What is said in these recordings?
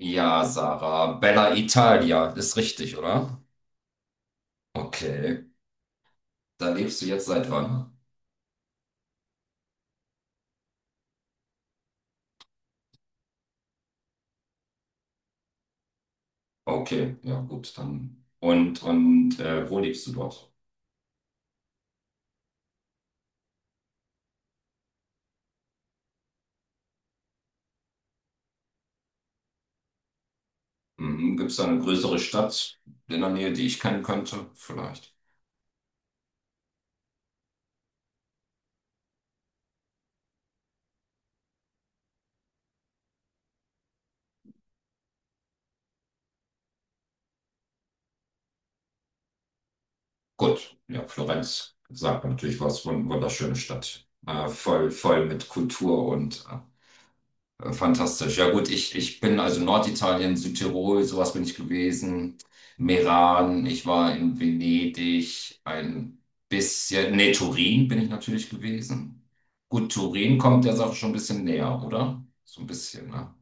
Ja, Sarah, Bella Italia, ist richtig, oder? Okay, da lebst du jetzt seit wann? Okay, ja gut, dann. Und wo lebst du dort? Mhm. Gibt es da eine größere Stadt in der Nähe, die ich kennen könnte? Vielleicht. Gut, ja, Florenz sagt mir natürlich was, wunderschöne Stadt. Voll, voll mit Kultur und. Fantastisch. Ja gut, ich bin also Norditalien, Südtirol, sowas bin ich gewesen. Meran, ich war in Venedig, ein bisschen, nee, Turin bin ich natürlich gewesen. Gut, Turin kommt der Sache schon ein bisschen näher, oder? So ein bisschen, ne?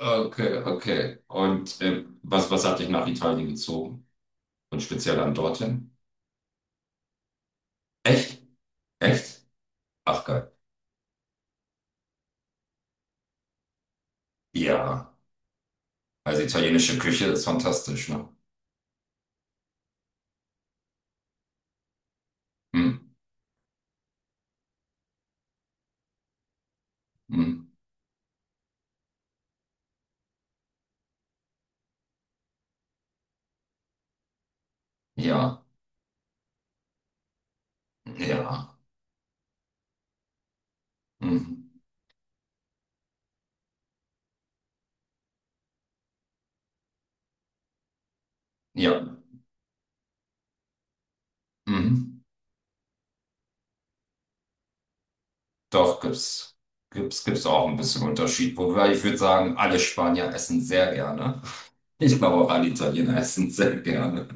Okay, okay. Und was hat dich nach Italien gezogen? Und speziell dann dorthin? Echt? Echt? Ach geil. Ja, also italienische Küche ist fantastisch, ne? Hm, hm, ja, ja. Hm. Ja, mhm. Doch, gibt's auch ein bisschen Unterschied. Wobei ich würde sagen, alle Spanier essen sehr gerne. Ich glaube auch alle Italiener essen sehr gerne.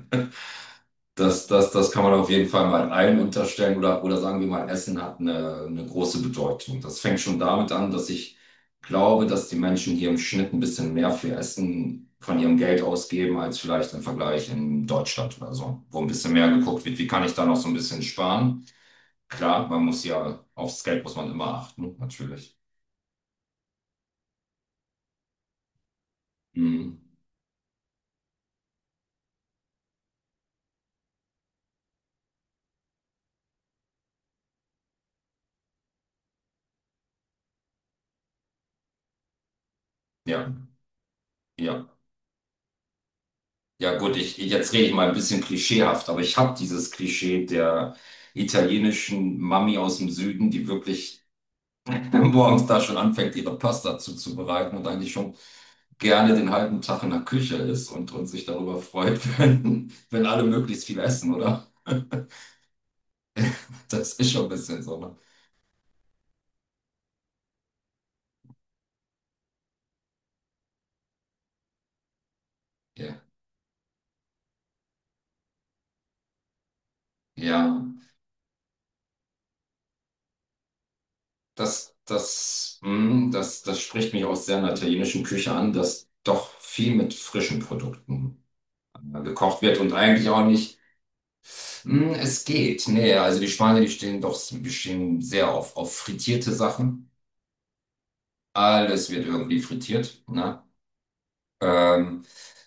Das kann man auf jeden Fall mal allen unterstellen oder sagen wir mal, Essen hat eine große Bedeutung. Das fängt schon damit an, dass ich glaube, dass die Menschen hier im Schnitt ein bisschen mehr für Essen von ihrem Geld ausgeben, als vielleicht im Vergleich in Deutschland oder so, wo ein bisschen mehr geguckt wird, wie kann ich da noch so ein bisschen sparen. Klar, man muss ja, aufs Geld muss man immer achten, natürlich. Mhm. Ja, ja. Ja, gut, ich, jetzt rede ich mal ein bisschen klischeehaft, aber ich habe dieses Klischee der italienischen Mami aus dem Süden, die wirklich morgens da schon anfängt, ihre Pasta zuzubereiten und eigentlich schon gerne den halben Tag in der Küche ist und sich darüber freut, wenn alle möglichst viel essen, oder? Das ist schon ein bisschen so, ne? Ja. Ja. Das spricht mich aus sehr einer italienischen Küche an, dass doch viel mit frischen Produkten gekocht wird und eigentlich auch nicht, mh, es geht. Nee, also die Spanier, die stehen sehr auf frittierte Sachen. Alles wird irgendwie frittiert, ne? Ähm,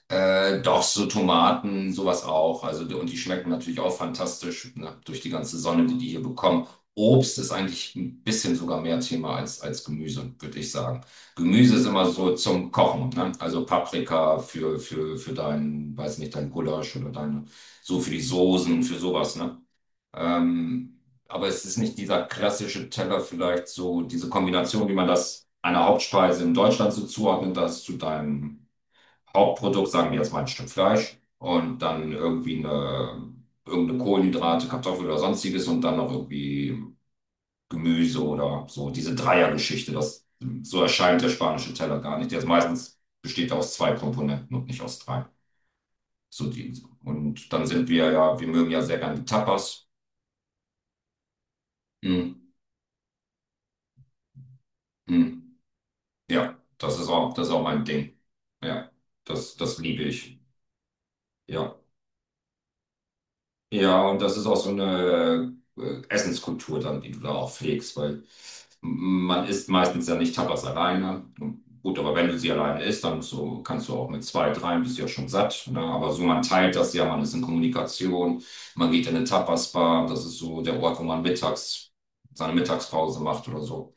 Doch, so Tomaten, sowas auch. Also, und die schmecken natürlich auch fantastisch, ne, durch die ganze Sonne, die die hier bekommen. Obst ist eigentlich ein bisschen sogar mehr Thema als, als Gemüse, würde ich sagen. Gemüse ist immer so zum Kochen, ne? Also Paprika für dein, weiß nicht, dein Gulasch oder deine, so für die Soßen, für sowas, ne? Ähm, aber es ist nicht dieser klassische Teller, vielleicht so diese Kombination, wie man das einer Hauptspeise in Deutschland so zuordnet, das zu deinem Hauptprodukt, sagen wir jetzt mal ein Stück Fleisch und dann irgendwie eine, irgendeine Kohlenhydrate, Kartoffel oder sonstiges und dann noch irgendwie Gemüse oder so. Diese Dreiergeschichte, das, so erscheint der spanische Teller gar nicht. Der ist meistens besteht aus zwei Komponenten und nicht aus drei. So die, und dann sind wir ja, wir mögen ja sehr gerne die Tapas. Hm, hm. Ja, das ist auch mein Ding. Ja, das liebe ich. Ja. Ja, und das ist auch so eine Essenskultur dann, die du da auch pflegst, weil man isst meistens ja nicht Tapas alleine. Gut, aber wenn du sie alleine isst, dann musst du, kannst du auch mit zwei, dreien, bist du ja schon satt. Ne? Aber so, man teilt das ja, man ist in Kommunikation, man geht in eine Tapas-Bar, das ist so der Ort, wo man mittags seine Mittagspause macht oder so.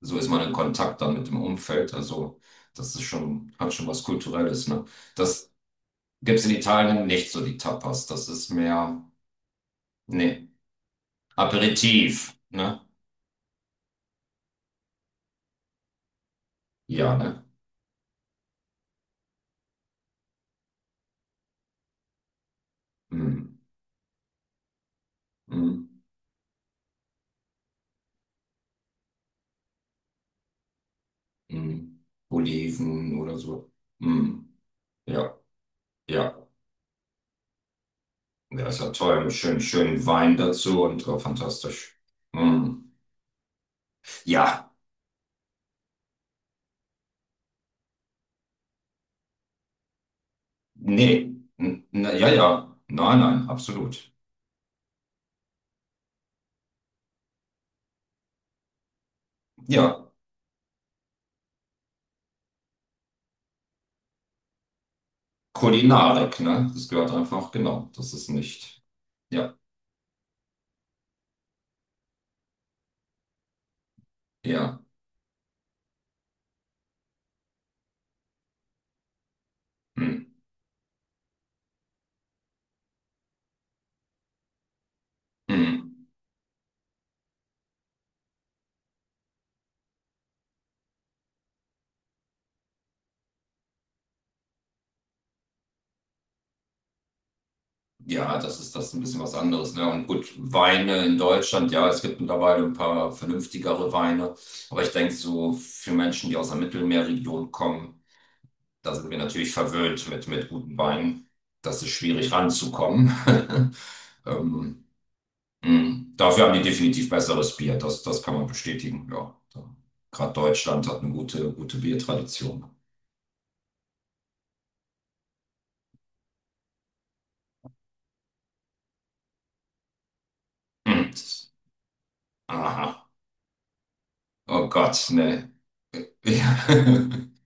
So ist man in Kontakt dann mit dem Umfeld. Also, das ist schon, hat schon was Kulturelles, ne? Das gibt's in Italien nicht so, die Tapas. Das ist mehr. Nee, Aperitif, ne? Ja, ne? Hm, hm, hm. Oliven oder so. Hm. Ja, ja. Ja, ist ja toll. Mit schön, schönen Wein dazu und fantastisch. Hm. Ja, nee. Na, ja, ja. Nein, nein, absolut. Ja, Kulinarik, ne? Das gehört einfach, genau. Das ist nicht. Ja, ja. Hm, hm. Ja, das ist ein bisschen was anderes, ne? Und gut, Weine in Deutschland, ja, es gibt mittlerweile ein paar vernünftigere Weine. Aber ich denke, so für Menschen, die aus der Mittelmeerregion kommen, da sind wir natürlich verwöhnt mit guten Weinen. Das ist schwierig ranzukommen. Ähm, mh. Dafür haben die definitiv besseres Bier. Das kann man bestätigen, ja. So, gerade Deutschland hat eine gute, gute Biertradition. Mhm. Aha. Oh Gott, ne.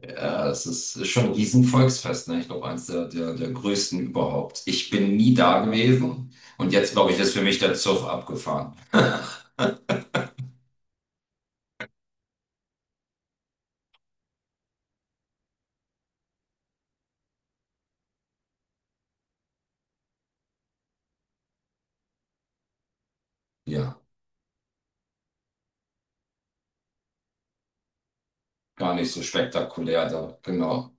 Ja, es ist ist schon ein Riesenvolksfest, ne? Ich glaube, eins der größten überhaupt. Ich bin nie da gewesen und jetzt, glaube ich, ist für mich der Zug abgefahren. Ja, gar nicht so spektakulär da, genau.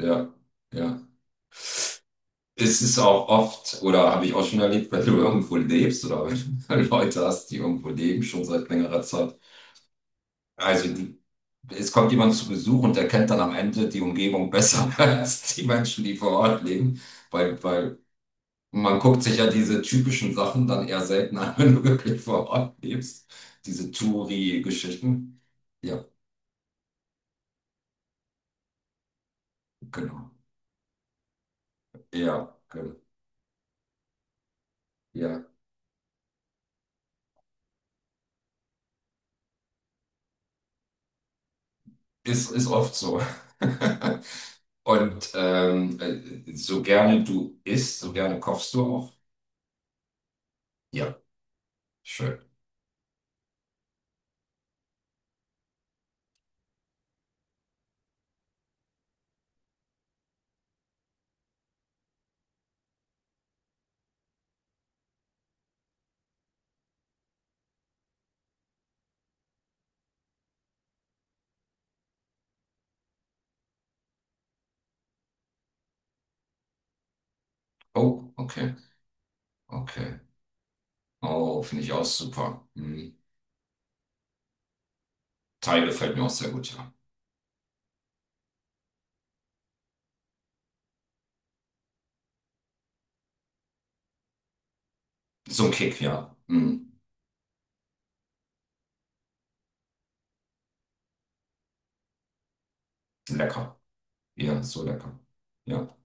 Ja, ja. Es ist auch oft, oder habe ich auch schon erlebt, wenn du irgendwo lebst oder wenn du Leute hast, die irgendwo leben, schon seit längerer Zeit. Also, die, es kommt jemand zu Besuch und der kennt dann am Ende die Umgebung besser als die Menschen, die vor Ort leben, weil, weil und man guckt sich ja diese typischen Sachen dann eher selten an, wenn du wirklich vor Ort lebst. Diese Touri-Geschichten. Ja, genau. Ja, genau. Ja, ist oft so. Und so gerne du isst, so gerne kochst du auch. Ja, schön. Oh, okay, okay. Oh, finde ich auch super. Mhm. Thai gefällt mir auch sehr gut, ja. So ein Kick, ja. Mhm. Lecker. Ja, so lecker. Ja.